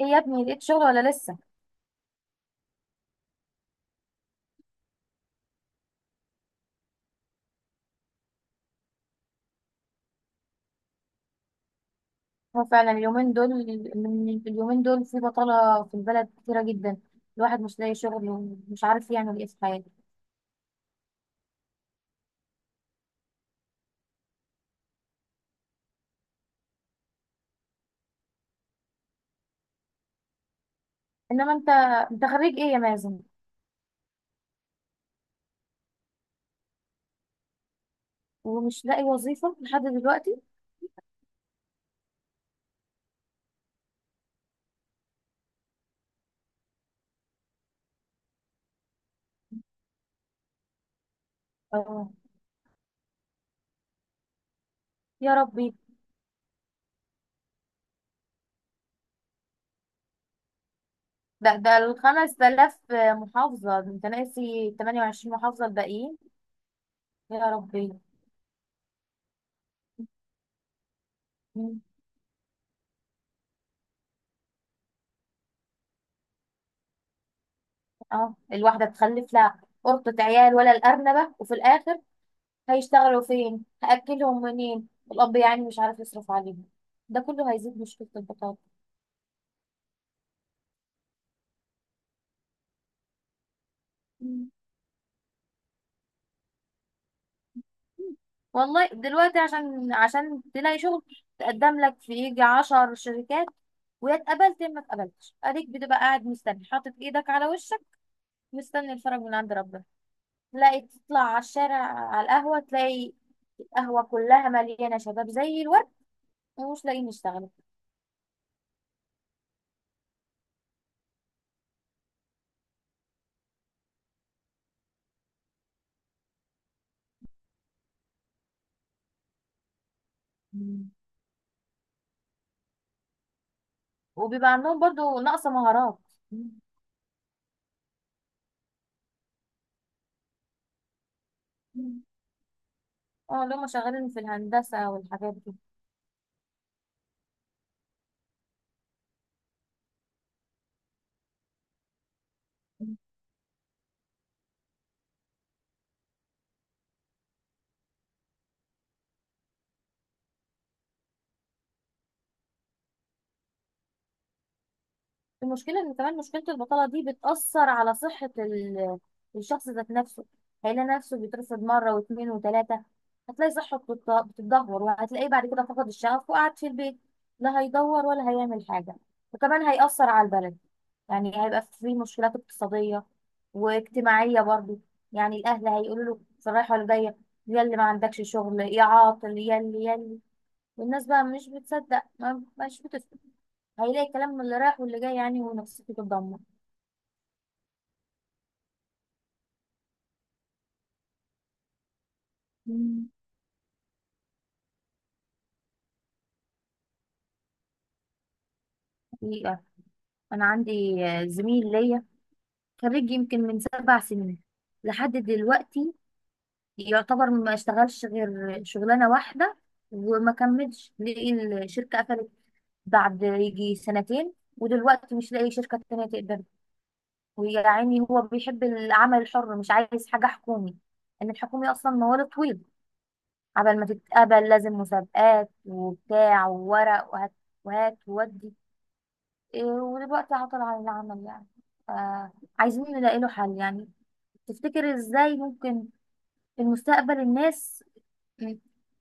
ايه يا ابني، لقيت شغل ولا لسه؟ هو فعلا اليومين دول، من اليومين دول في بطالة في البلد كتيرة جدا. الواحد مش لاقي شغل ومش عارف يعمل ايه في حياته. انما انت، انت خريج ايه يا مازن؟ ومش لاقي وظيفة لحد دلوقتي؟ اه، يا ربي. ده ده 5000 محافظة، ده انت ناسي 28 محافظة الباقيين. يا ربي. مم. اه، الواحدة تخلف لها قرطة عيال ولا الأرنبة، وفي الآخر هيشتغلوا فين؟ هأكلهم منين؟ الأب يعني مش عارف يصرف عليهم. ده كله هيزيد مشكلة البطاقة. مم. والله دلوقتي عشان تلاقي شغل، تقدم لك في يجي 10 شركات، ويا اتقبلت يا ما اتقبلتش، اديك بتبقى قاعد مستني حاطط ايدك على وشك، مستني الفرج من عند ربنا. تلاقي تطلع على الشارع على القهوة، تلاقي القهوة كلها مليانة شباب زي الورد ومش لاقيين يشتغلوا. مم. وبيبقى عندهم برضو نقص مهارات. مم. اه، اللي هم شغالين في الهندسة والحاجات دي. المشكلة ان كمان مشكلة البطالة دي بتأثر على صحة الشخص ذات نفسه. هيلاقي نفسه بيترفض مرة و2 و3، هتلاقي صحته بتتدهور، وهتلاقيه بعد كده فقد الشغف وقعد في البيت، لا هيدور ولا هيعمل حاجة. وكمان هيأثر على البلد، يعني هيبقى في مشكلات اقتصادية واجتماعية برضه. يعني الأهل هيقولوا له في الرايحة والجاية، يا اللي ما عندكش شغل، يا عاطل، يا اللي والناس بقى مش بتصدق ما مش بتفهم. هيلاقي الكلام من اللي رايح واللي جاي يعني، ونفسيته تتدمر. مم. حقيقة، أنا عندي زميل ليا، خريج يمكن من 7 سنين، لحد دلوقتي يعتبر ما اشتغلش غير شغلانة واحدة وما كملش، لقي الشركة قفلت بعد يجي 2 سنة، ودلوقتي مش لاقي شركة تانية تقدر. ويا عيني هو بيحب العمل الحر، مش عايز حاجة حكومي، إن الحكومي أصلا موال طويل، قبل ما تتقبل لازم مسابقات وبتاع وورق وهات وهات وودي. إيه، ودلوقتي عطل عن العمل يعني. آه، عايزين نلاقي له حل يعني. تفتكر ازاي ممكن في المستقبل الناس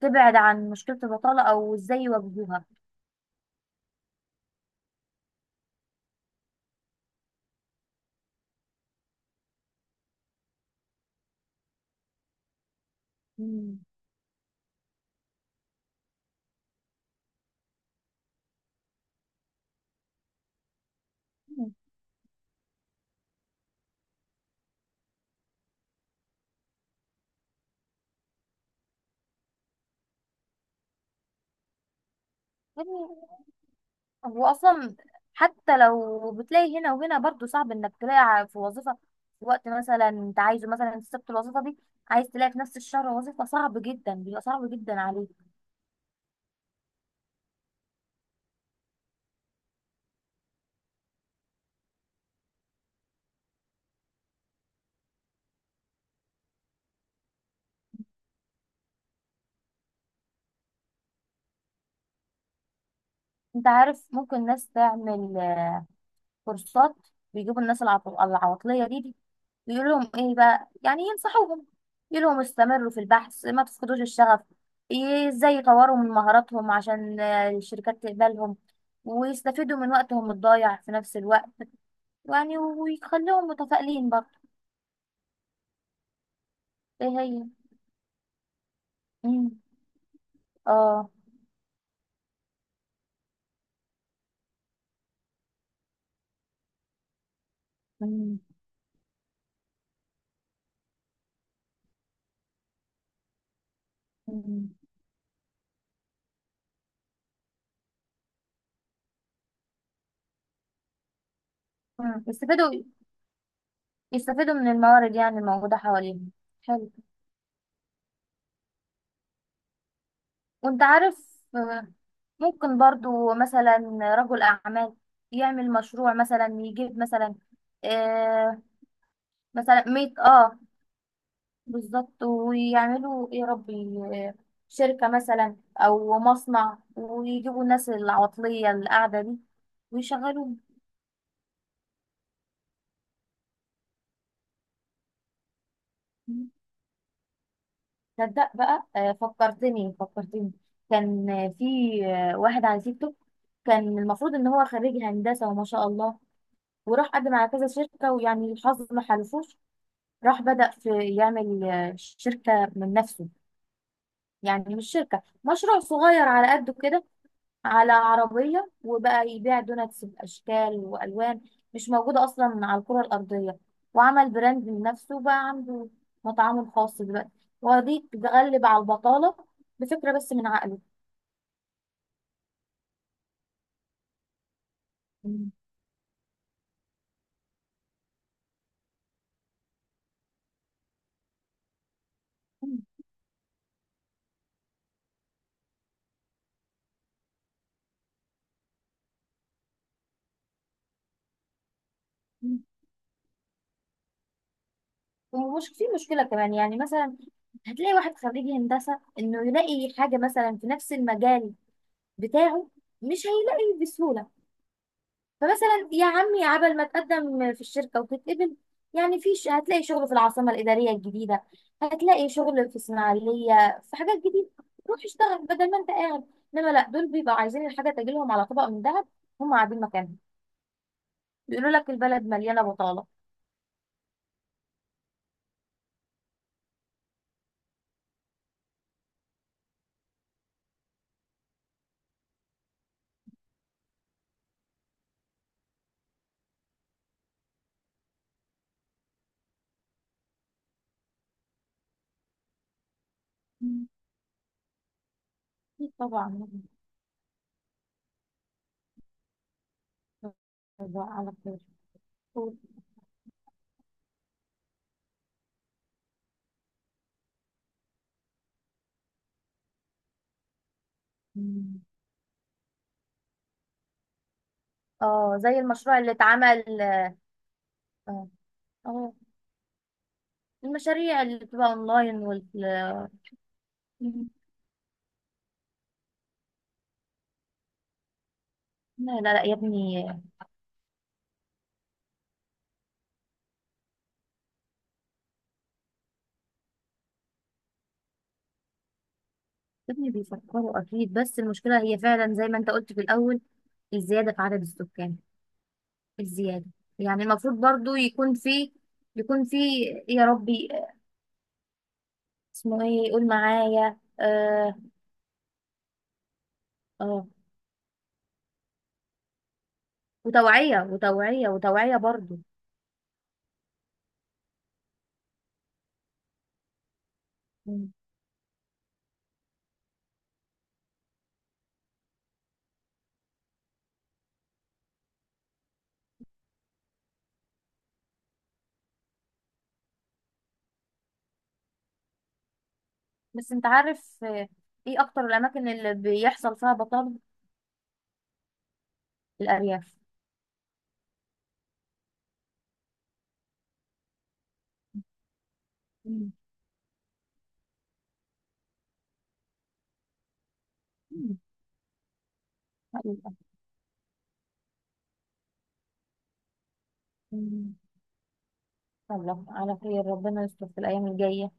تبعد عن مشكلة البطالة، او ازاي يواجهوها؟ مم. يعني هو اصلا حتى لو بتلاقي هنا وهنا، برضو صعب انك تلاقي في وظيفة، في وقت مثلا انت عايزه، مثلا انت سبت الوظيفة دي، عايز تلاقي في نفس الشهر وظيفة، صعب جدا، بيبقى صعب جدا عليك. انت عارف، ممكن ناس تعمل كورسات، بيجيبوا الناس العواطلية دي بيقول لهم ايه بقى؟ يعني ينصحوهم، يقول لهم استمروا في البحث، ما تفقدوش الشغف، ازاي يطوروا من مهاراتهم عشان الشركات تقبلهم، ويستفيدوا من وقتهم الضايع في نفس الوقت يعني، ويخليهم متفائلين برضه. ايه هي؟ مم. اه. مم. مم. يستفيدوا، يستفيدوا من الموارد يعني الموجودة حواليهم. حلو. وانت عارف، ممكن برضو مثلا رجل أعمال يعمل مشروع، مثلا يجيب مثلا، آه مثلا ميت، اه بالظبط. ويعملوا ايه يا ربي؟ آه، شركة مثلا أو مصنع، ويجيبوا الناس العطلية اللي قاعدة دي ويشغلوهم. تصدق بقى، آه فكرتني، فكرتني. كان آه، في آه، واحد على تيك توك، كان المفروض إن هو خريج هندسة وما شاء الله، وراح قدم على كذا شركة ويعني الحظ ما حالفوش. راح بدأ في يعمل شركة من نفسه، يعني مش شركة، مشروع صغير على قده كده، على عربية، وبقى يبيع دوناتس بأشكال وألوان مش موجودة أصلا على الكرة الأرضية، وعمل براند لنفسه، وبقى عنده مطعمه الخاص دلوقتي. ودي تغلب على البطالة بفكرة بس من عقله. ومش في مشكلة كمان يعني، مثلا هتلاقي واحد خريج هندسة، إنه يلاقي حاجة مثلا في نفس المجال بتاعه، مش هيلاقي بسهولة. فمثلا يا عمي عبل ما تقدم في الشركه وتتقبل، يعني في هتلاقي شغل في العاصمه الاداريه الجديده، هتلاقي شغل في اسماعيليه، في حاجات جديده، روح اشتغل بدل ما انت قاعد. انما لا، دول بيبقوا عايزين الحاجه تجيلهم على طبق من ذهب، هم قاعدين مكانهم بيقولوا لك البلد مليانه بطاله. مم. أكيد طبعا. طبعاً على خير. قول. مم. اه زي المشروع اللي اتعمل. اه. آه. المشاريع اللي بتبقى اونلاين وال... مم. لا لا لا يا ابني. ابني بيفكروا اكيد، بس المشكله هي فعلا زي ما انت قلت في الاول، الزياده في عدد السكان، الزياده. يعني المفروض برضو يكون في، يكون في، يا ربي اسمه ايه؟ قول معايا. اه، اه، وتوعيه وتوعيه وتوعيه برضو. مم. بس انت عارف، ايه اكتر الاماكن اللي بيحصل فيها بطاله؟ الارياف. مم. مم. حقيقة. مم. الله على خير، ربنا يستر في الايام الجايه.